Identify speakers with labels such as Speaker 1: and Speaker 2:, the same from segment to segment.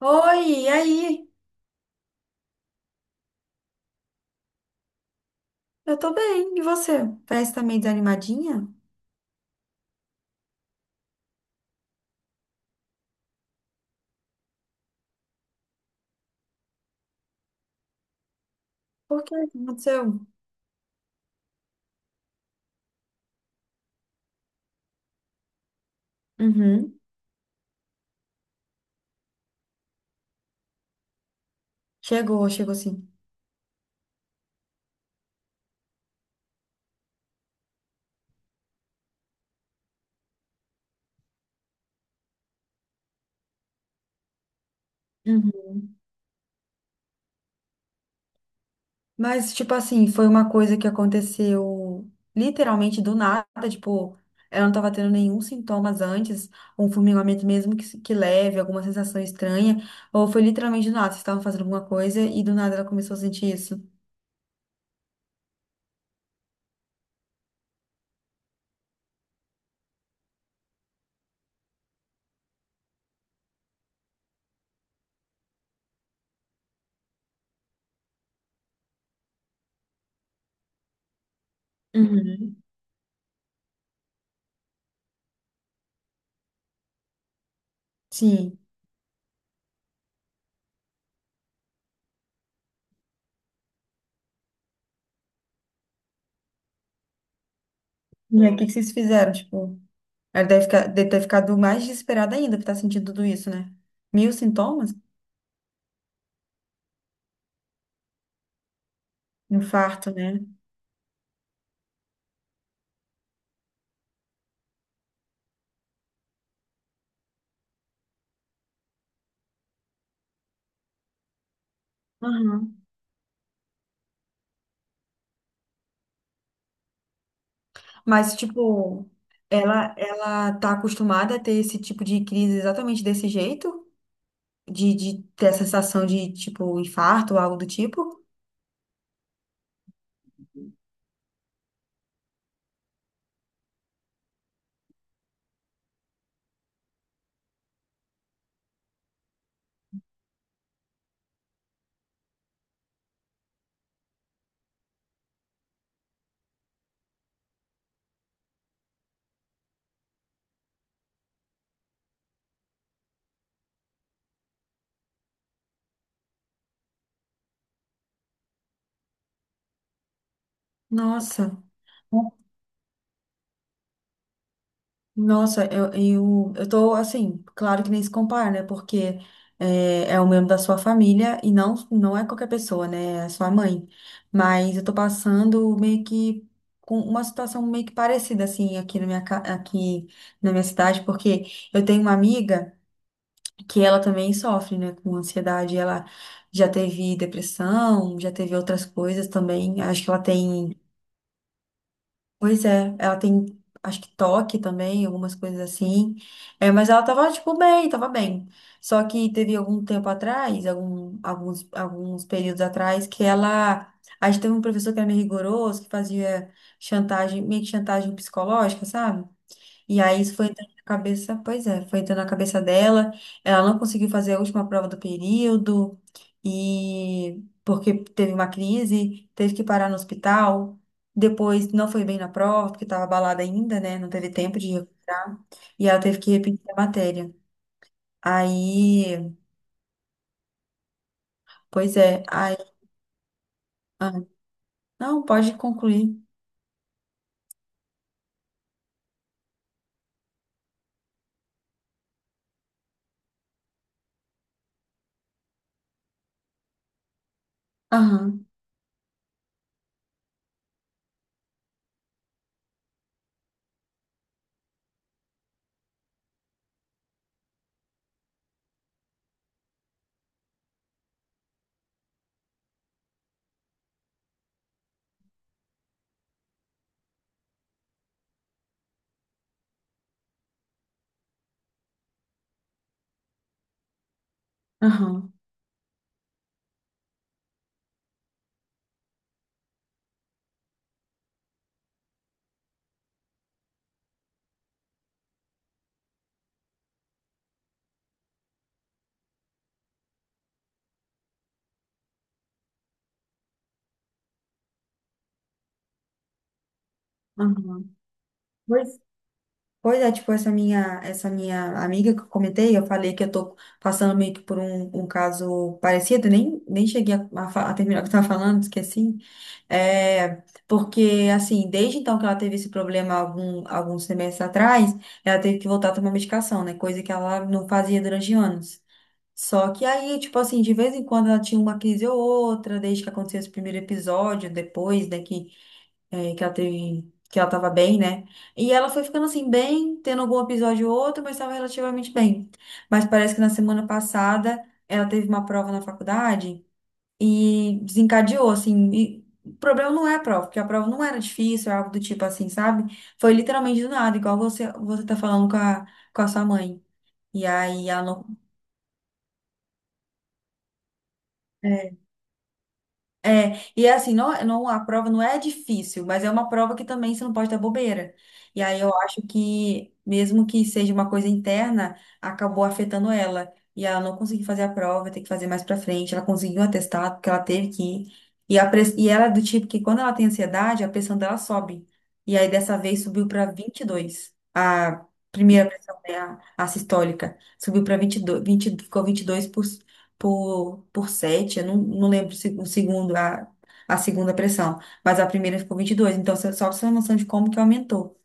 Speaker 1: Oi, e aí? Eu tô bem, e você? Parece que tá meio desanimadinha? Por quê? O que aconteceu? Uhum. Chegou, chegou sim. Uhum. Mas, tipo assim, foi uma coisa que aconteceu literalmente do nada, tipo, ela não tava tendo nenhum sintomas antes, um formigamento mesmo que leve, alguma sensação estranha, ou foi literalmente do nada, vocês estavam fazendo alguma coisa e do nada ela começou a sentir isso. Uhum. Sim. E aí, o que que vocês fizeram, tipo? Ela deve ter ficado mais desesperada ainda por estar sentindo tudo isso, né? Mil sintomas? Infarto, né? Uhum. Mas, tipo, ela tá acostumada a ter esse tipo de crise exatamente desse jeito? De ter a sensação de, tipo, infarto ou algo do tipo? Nossa. Nossa, eu tô assim, claro que nem se compara, né? Porque é um membro da sua família e não é qualquer pessoa, né? É a sua mãe. Mas eu tô passando meio que com uma situação meio que parecida, assim, aqui na minha cidade, porque eu tenho uma amiga que ela também sofre, né, com ansiedade. Ela já teve depressão, já teve outras coisas também. Acho que ela tem. Pois é, ela tem, acho que toque também, algumas coisas assim. É, mas ela tava, tipo, bem, tava bem. Só que teve algum tempo atrás, alguns períodos atrás, que ela. A gente teve um professor que era meio rigoroso, que fazia chantagem, meio que chantagem psicológica, sabe? E aí isso foi entrando na cabeça, pois é, foi entrando na cabeça dela. Ela não conseguiu fazer a última prova do período e porque teve uma crise, teve que parar no hospital. Depois não foi bem na prova, porque estava abalada ainda, né? Não teve tempo de recuperar. E ela teve que repetir a matéria. Aí, pois é, aí, ah, não, pode concluir. Aham, aham, aham. Pois Pois é, tipo, essa minha amiga que eu comentei, eu falei que eu tô passando meio que por um caso parecido, nem cheguei a terminar o que eu tava falando, esqueci. É, porque, assim, desde então que ela teve esse problema alguns semestres atrás, ela teve que voltar a tomar medicação, né? Coisa que ela não fazia durante anos. Só que aí, tipo assim, de vez em quando ela tinha uma crise ou outra, desde que aconteceu esse primeiro episódio, depois, né, que que ela teve, que ela tava bem, né? E ela foi ficando assim, bem, tendo algum episódio ou outro, mas estava relativamente bem. Mas parece que na semana passada ela teve uma prova na faculdade e desencadeou, assim. E o problema não é a prova, porque a prova não era difícil, era algo do tipo assim, sabe? Foi literalmente do nada, igual você, você tá falando com a sua mãe. E aí ela não. é, e é assim, não, não, a prova não é difícil, mas é uma prova que também você não pode dar bobeira. E aí eu acho que, mesmo que seja uma coisa interna, acabou afetando ela. E ela não conseguiu fazer a prova, tem que fazer mais pra frente. Ela conseguiu um atestado, porque ela teve que ir. E, a, e ela é do tipo que, quando ela tem ansiedade, a pressão dela sobe. E aí, dessa vez, subiu pra vinte e dois. A primeira pressão, né, a sistólica, subiu para 22 20 ficou 22%, por 7 eu não lembro se- o segundo, a segunda pressão, mas a primeira ficou 22 então você- só pra você ter uma noção de como que aumentou.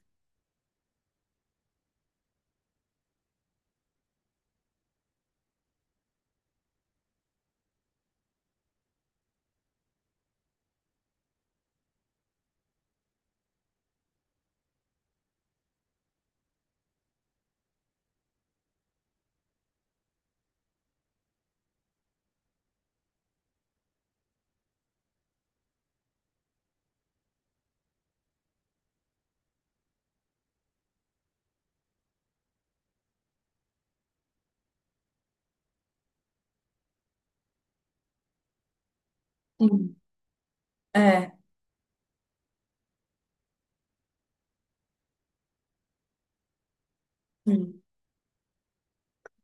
Speaker 1: Sim. É, hum.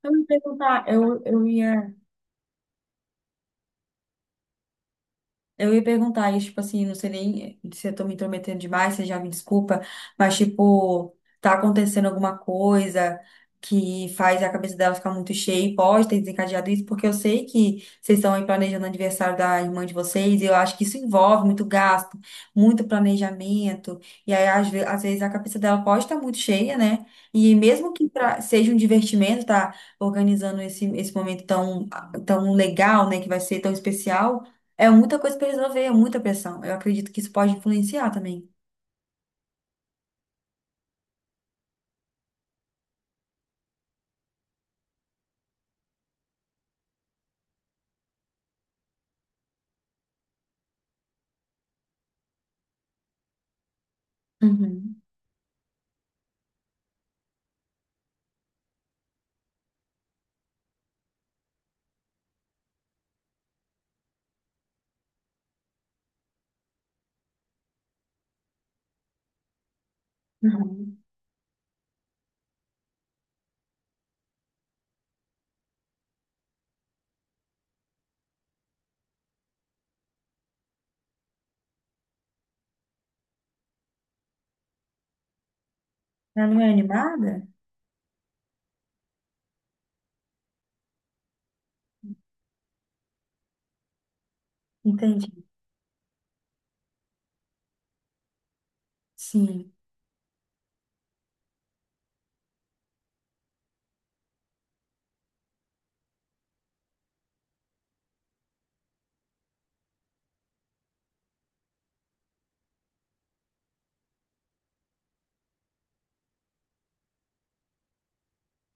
Speaker 1: Eu ia perguntar, eu ia. Eu ia perguntar isso, tipo assim, não sei nem se eu tô me intrometendo demais, você já me desculpa, mas tipo, tá acontecendo alguma coisa que faz a cabeça dela ficar muito cheia e pode ter desencadeado isso, porque eu sei que vocês estão aí planejando o aniversário da irmã de vocês, e eu acho que isso envolve muito gasto, muito planejamento, e aí às vezes a cabeça dela pode estar muito cheia, né? E mesmo que seja um divertimento, tá organizando esse momento tão, tão legal, né, que vai ser tão especial. É muita coisa pra resolver, é muita pressão. Eu acredito que isso pode influenciar também. Uhum, uhum. Ela não é animada? Entendi. Sim.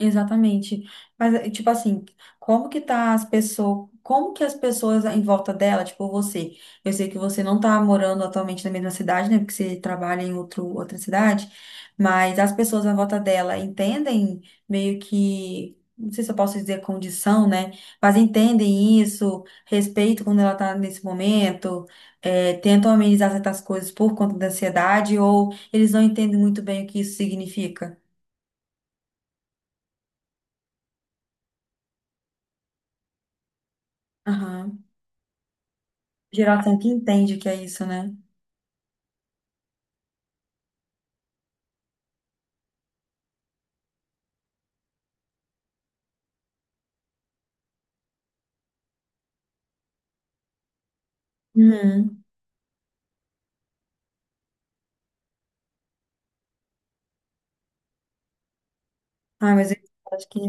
Speaker 1: Exatamente. Mas, tipo assim, como que tá as pessoas, como que as pessoas em volta dela, tipo você, eu sei que você não tá morando atualmente na mesma cidade, né, porque você trabalha em outra cidade, mas as pessoas à volta dela entendem meio que, não sei se eu posso dizer condição, né, mas entendem isso, respeito quando ela tá nesse momento, tentam amenizar certas coisas por conta da ansiedade, ou eles não entendem muito bem o que isso significa. Aham. Geração que entende o que é isso, né? Uhum. Ai, mas eu acho que.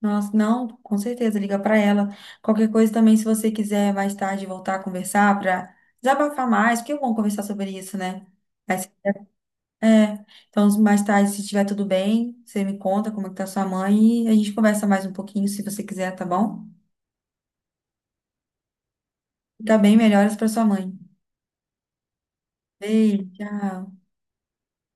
Speaker 1: Nossa, não, com certeza, liga pra ela. Qualquer coisa também, se você quiser mais tarde voltar a conversar pra desabafar mais, porque é bom conversar sobre isso, né? Aí você- É, então mais tarde, se estiver tudo bem, você me conta como é que tá sua mãe e a gente conversa mais um pouquinho, se você quiser, tá bom? Fica bem, melhoras pra sua mãe. Beijo, tchau.